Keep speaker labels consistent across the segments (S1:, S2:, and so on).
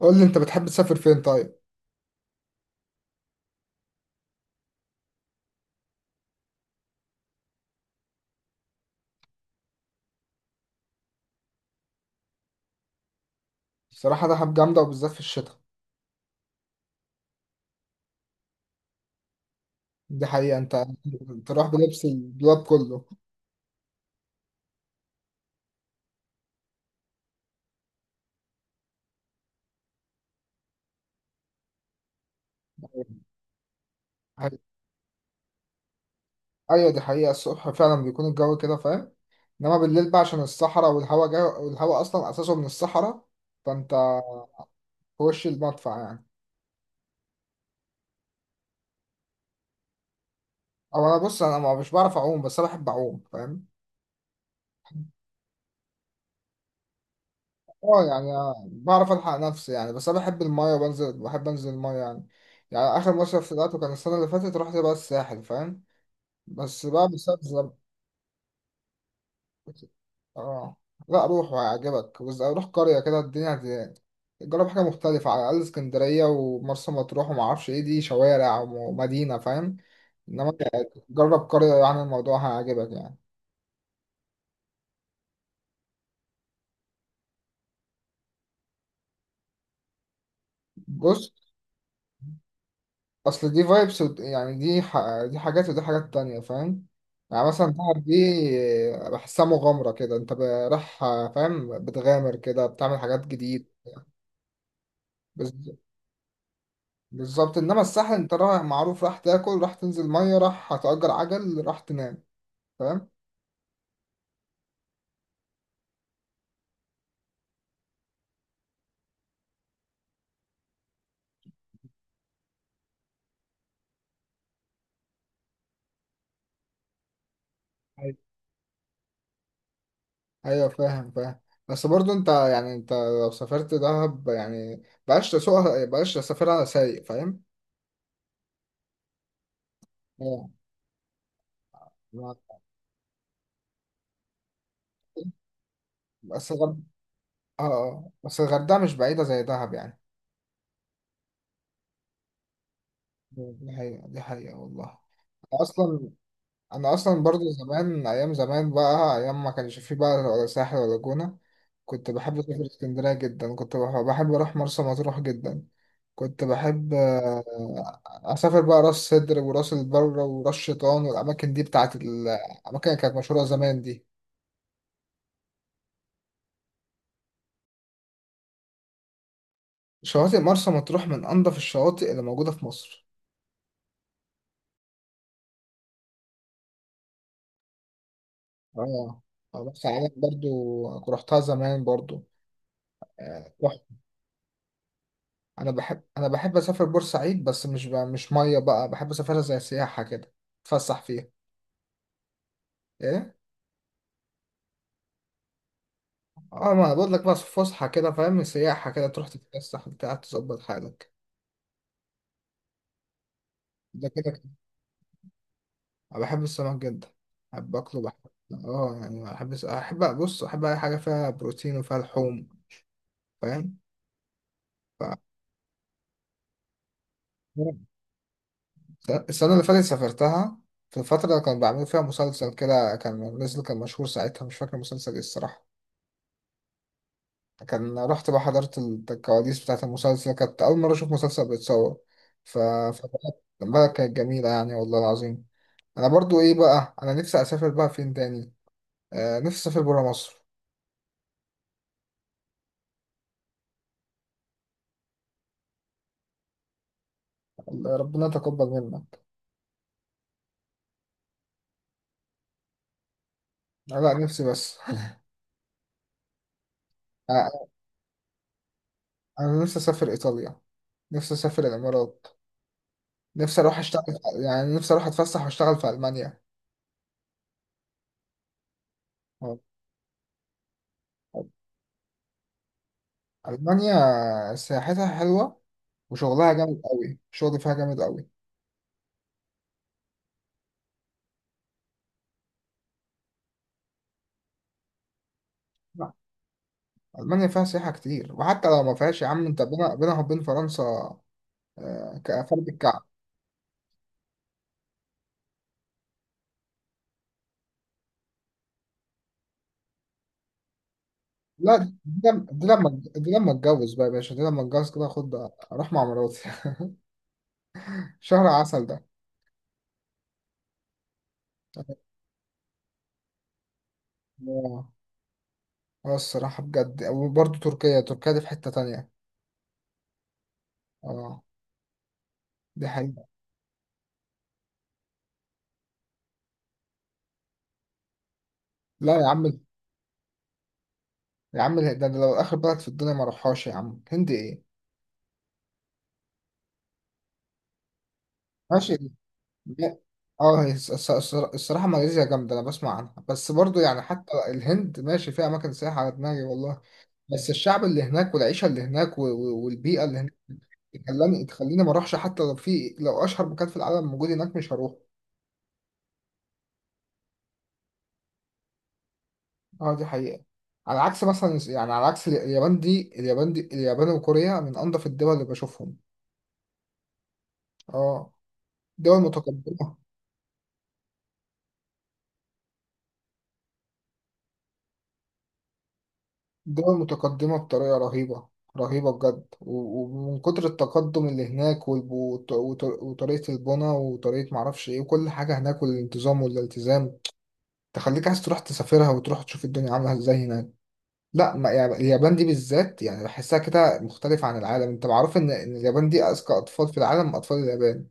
S1: قول لي انت بتحب تسافر فين طيب. الصراحه دهب جامده وبالذات في الشتاء. دي حقيقه. انت تروح بلبس الدولاب كله. ايوه، دي حقيقه، الصبح فعلا بيكون الجو كده فاهم. انما بالليل بقى عشان الصحراء والهواء جاي، والهواء اصلا اساسه من الصحراء. فانت في وش المدفع يعني. او انا بص، انا مش بعرف اعوم، بس انا بحب اعوم فاهم. اه يعني بعرف، الحق نفسي يعني، بس انا بحب المايه وبنزل، بحب انزل المايه يعني. يعني اخر مصيف طلعته كان السنه اللي فاتت، رحت بقى الساحل فاهم، بس بقى بسبب. اه لا روح وهيعجبك، بس روح قرية كده، الدنيا جرب حاجة مختلفة على الأقل. اسكندرية ومرسى مطروح ومعرفش ايه دي شوارع ومدينة فاهم، انما جرب قرية، يعني الموضوع هيعجبك يعني. بص، اصل دي فايبس يعني، دي حاجات ودي حاجات تانية فاهم. يعني مثلا دهب دي بحسها مغامرة كده، انت رايح فاهم، بتغامر كده، بتعمل حاجات جديدة. بس بالظبط، انما الساحل انت رايح معروف، راح تاكل راح تنزل ميه راح هتأجر عجل راح تنام فاهم. أيوة. ايوه فاهم فاهم. بس برضو انت يعني، انت لو سافرت دهب يعني بقاش تسوقها؟ بقاش تسافرها سايق فاهم؟ آه. معاك. بس غرد... اه آه. بس الغردقة مش بعيدة زي دهب يعني. دي حقيقة دي حقيقة والله. أصلا انا اصلا برضو زمان، ايام زمان بقى، ايام ما كانش فيه بقى ولا ساحل ولا جونة، كنت بحب اسافر اسكندرية جدا، كنت بحب اروح مرسى مطروح جدا، كنت بحب آه، اسافر بقى راس سدر وراس البر وراس شيطان والاماكن دي، بتاعت الاماكن اللي كانت مشهورة زمان دي. شواطئ مرسى مطروح من انضف الشواطئ اللي موجودة في مصر. اه آه، مرسى علم برضو رحتها زمان برضو. آه، انا بحب اسافر بورسعيد، بس مش مش ميه بقى، بحب اسافرها زي سياحه كده، اتفسح فيها. ايه؟ اه، ما أنا بقول لك بقى، فسحه كده فاهم، سياحه كده، تروح تتفسح بتاع تظبط حالك. ده كده كده. انا بحب السمك جدا، بحب اكله بحب. اه يعني بحب احب، بص احب اي حاجه فيها بروتين وفيها لحوم فاهم. ف... السنه اللي فاتت سافرتها، في الفتره اللي كانوا بيعملوا فيها مسلسل كده، كان نزل كان مشهور ساعتها، مش فاكر مسلسل ايه الصراحه. كان رحت بقى، حضرت الكواليس بتاعت المسلسل، كانت أول مرة أشوف مسلسل بيتصور. ف فبقى- بقى كانت جميلة يعني والله العظيم. أنا برضو إيه بقى، أنا نفسي أسافر بقى فين تاني؟ آه نفسي أسافر برا مصر. ربنا يتقبل منا. لا نفسي بس. آه، أنا نفسي أسافر إيطاليا، نفسي أسافر الإمارات، نفسي أروح أشتغل يعني، نفسي أروح أتفسح وأشتغل في ألمانيا. آه، ألمانيا سياحتها حلوة، وشغلها جامد قوي، شغل فيها جامد قوي. ألمانيا فيها سياحة كتير، وحتى لو ما فيهاش يا عم، أنت بينها بينها وبين فرنسا آه، كفرد الكعب. لا دي لما دي لما اتجوز بقى يا باشا، دي لما اتجوز كده خد، أروح مع مراتي. شهر عسل ده. اه آه، الصراحة بجد. وبرضه تركيا، تركيا دي في حتة تانية. اه دي حقيقة. لا يا عم، يا عم ده أنا لو آخر بلد في الدنيا ما أروحهاش يا عم، هند إيه! ماشي. لا. اه هي الصراحة ماليزيا جامدة، أنا بسمع عنها، بس برضه يعني حتى الهند ماشي، فيها أماكن سياحة على دماغي والله. بس الشعب اللي هناك، والعيشه اللي هناك، والبيئه اللي هناك تخليني تخليني ما اروحش، حتى لو في، لو اشهر مكان في العالم موجود هناك مش هروح. اه دي حقيقه. على عكس مثلا، يعني على عكس اليابان دي، اليابان وكوريا من انظف الدول اللي بشوفهم. اه، دول متقدمه. دول متقدمه بطريقه رهيبه، رهيبه بجد. ومن كتر التقدم اللي هناك، وطريقه البنى، وطريقه معرفش ايه، وكل حاجه هناك، والانتظام والالتزام، تخليك عايز تروح تسافرها وتروح تشوف الدنيا عامله ازاي هناك. لا ما يعني اليابان دي بالذات، يعني بحسها كده مختلفة عن العالم. انت معروف ان إن اليابان دي اذكى اطفال في العالم، اطفال اليابان.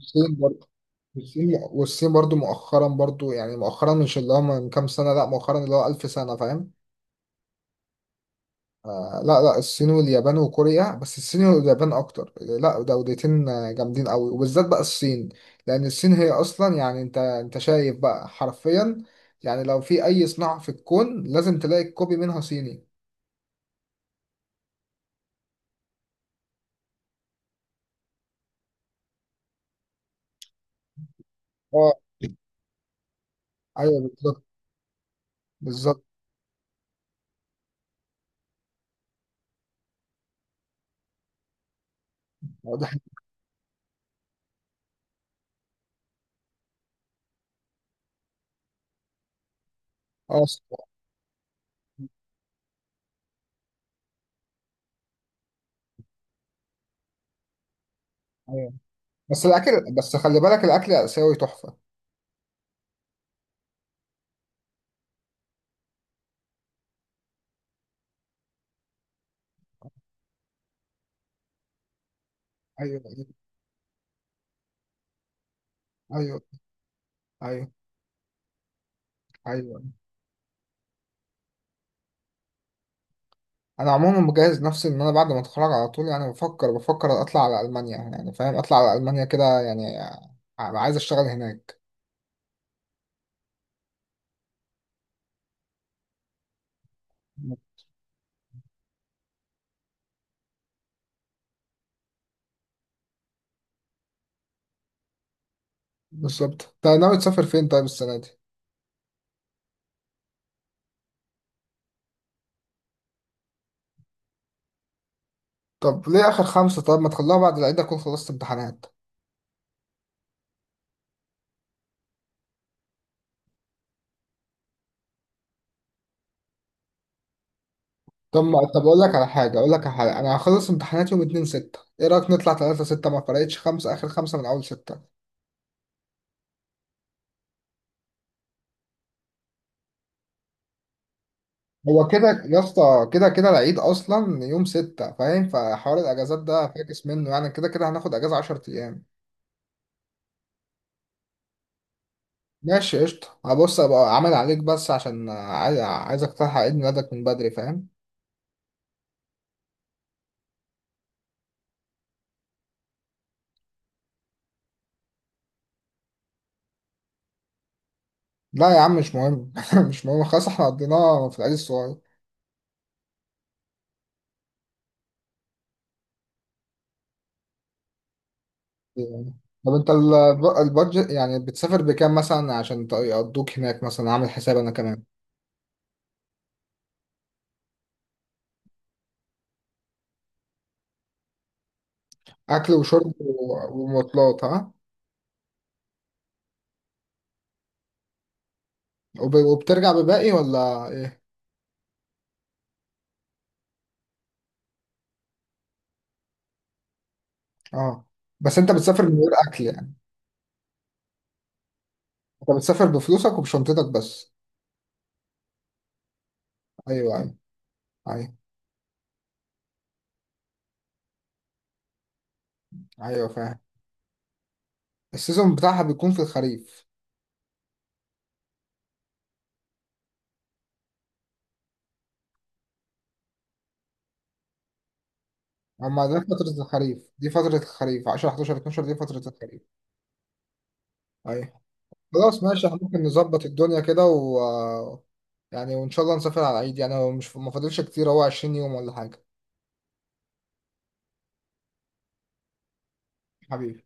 S1: الصين برضه. والصين برضه مؤخرا، برضه يعني مؤخرا، مش اللي هو من كام سنة، لا مؤخرا اللي هو 1000 سنة فاهم. آه لا لا، الصين واليابان وكوريا، بس الصين واليابان اكتر، لا دولتين آه، جامدين قوي، وبالذات بقى الصين، لان الصين هي اصلا يعني، انت انت شايف بقى حرفيا، يعني لو في اي صناعة في الكون لازم تلاقي كوبي منها صيني. اه ايوه بالظبط، بالظبط. اه ده حقيقي. اه صح. ايوه بس الاكل، بس خلي بالك الاكل اسيوي تحفه. ايوه ايوه. ايوه. ايوه. ايوه انا عموما مجهز نفسي ان انا بعد ما اتخرج على طول يعني، بفكر اطلع على المانيا يعني فاهم، اطلع على المانيا كده يعني، عايز اشتغل هناك. بالظبط. انت ناوي تسافر فين طيب السنه دي؟ طب ليه اخر خمسه؟ طب ما تخليها بعد العيد، اكون خلصت امتحانات. طب ما طب اقول لك على حاجه، انا هخلص امتحانات يوم 2 6، ايه رايك نطلع 3 6؟ ما فرقتش خمسه، اخر خمسه من اول ستة. هو كده يا اسطى، كده كده العيد اصلا يوم ستة فاهم، فحوار الاجازات ده فاكس منه، يعني كده كده هناخد اجازة 10 ايام. ماشي قشطة، هبص ابقى عامل عليك، بس عشان عايز، عايزك تلحق عيد ميلادك من بدري فاهم. لا يا عم مش مهم. مش مهم خلاص، احنا قضيناه في العيد الصغير. يعني. طب انت البادجت يعني بتسافر بكام مثلا؟ عشان يقضوك هناك مثلا، عامل حساب انا كمان. اكل وشرب ومواصلات ها؟ وبترجع بباقي ولا ايه؟ اه. بس انت بتسافر من غير اكل يعني؟ انت بتسافر بفلوسك وبشنطتك بس. ايوه ايوه. ايوه. ايوه فاهم. السيزون بتاعها بيكون في الخريف. اما ده فترة الخريف، دي فترة الخريف، 10 11 12 دي فترة الخريف. ايوه. خلاص ماشي، احنا ممكن نظبط الدنيا كده، و يعني وان شاء الله نسافر على العيد يعني، هو مش ما فاضلش كتير، هو 20 يوم ولا حاجة. حبيبي.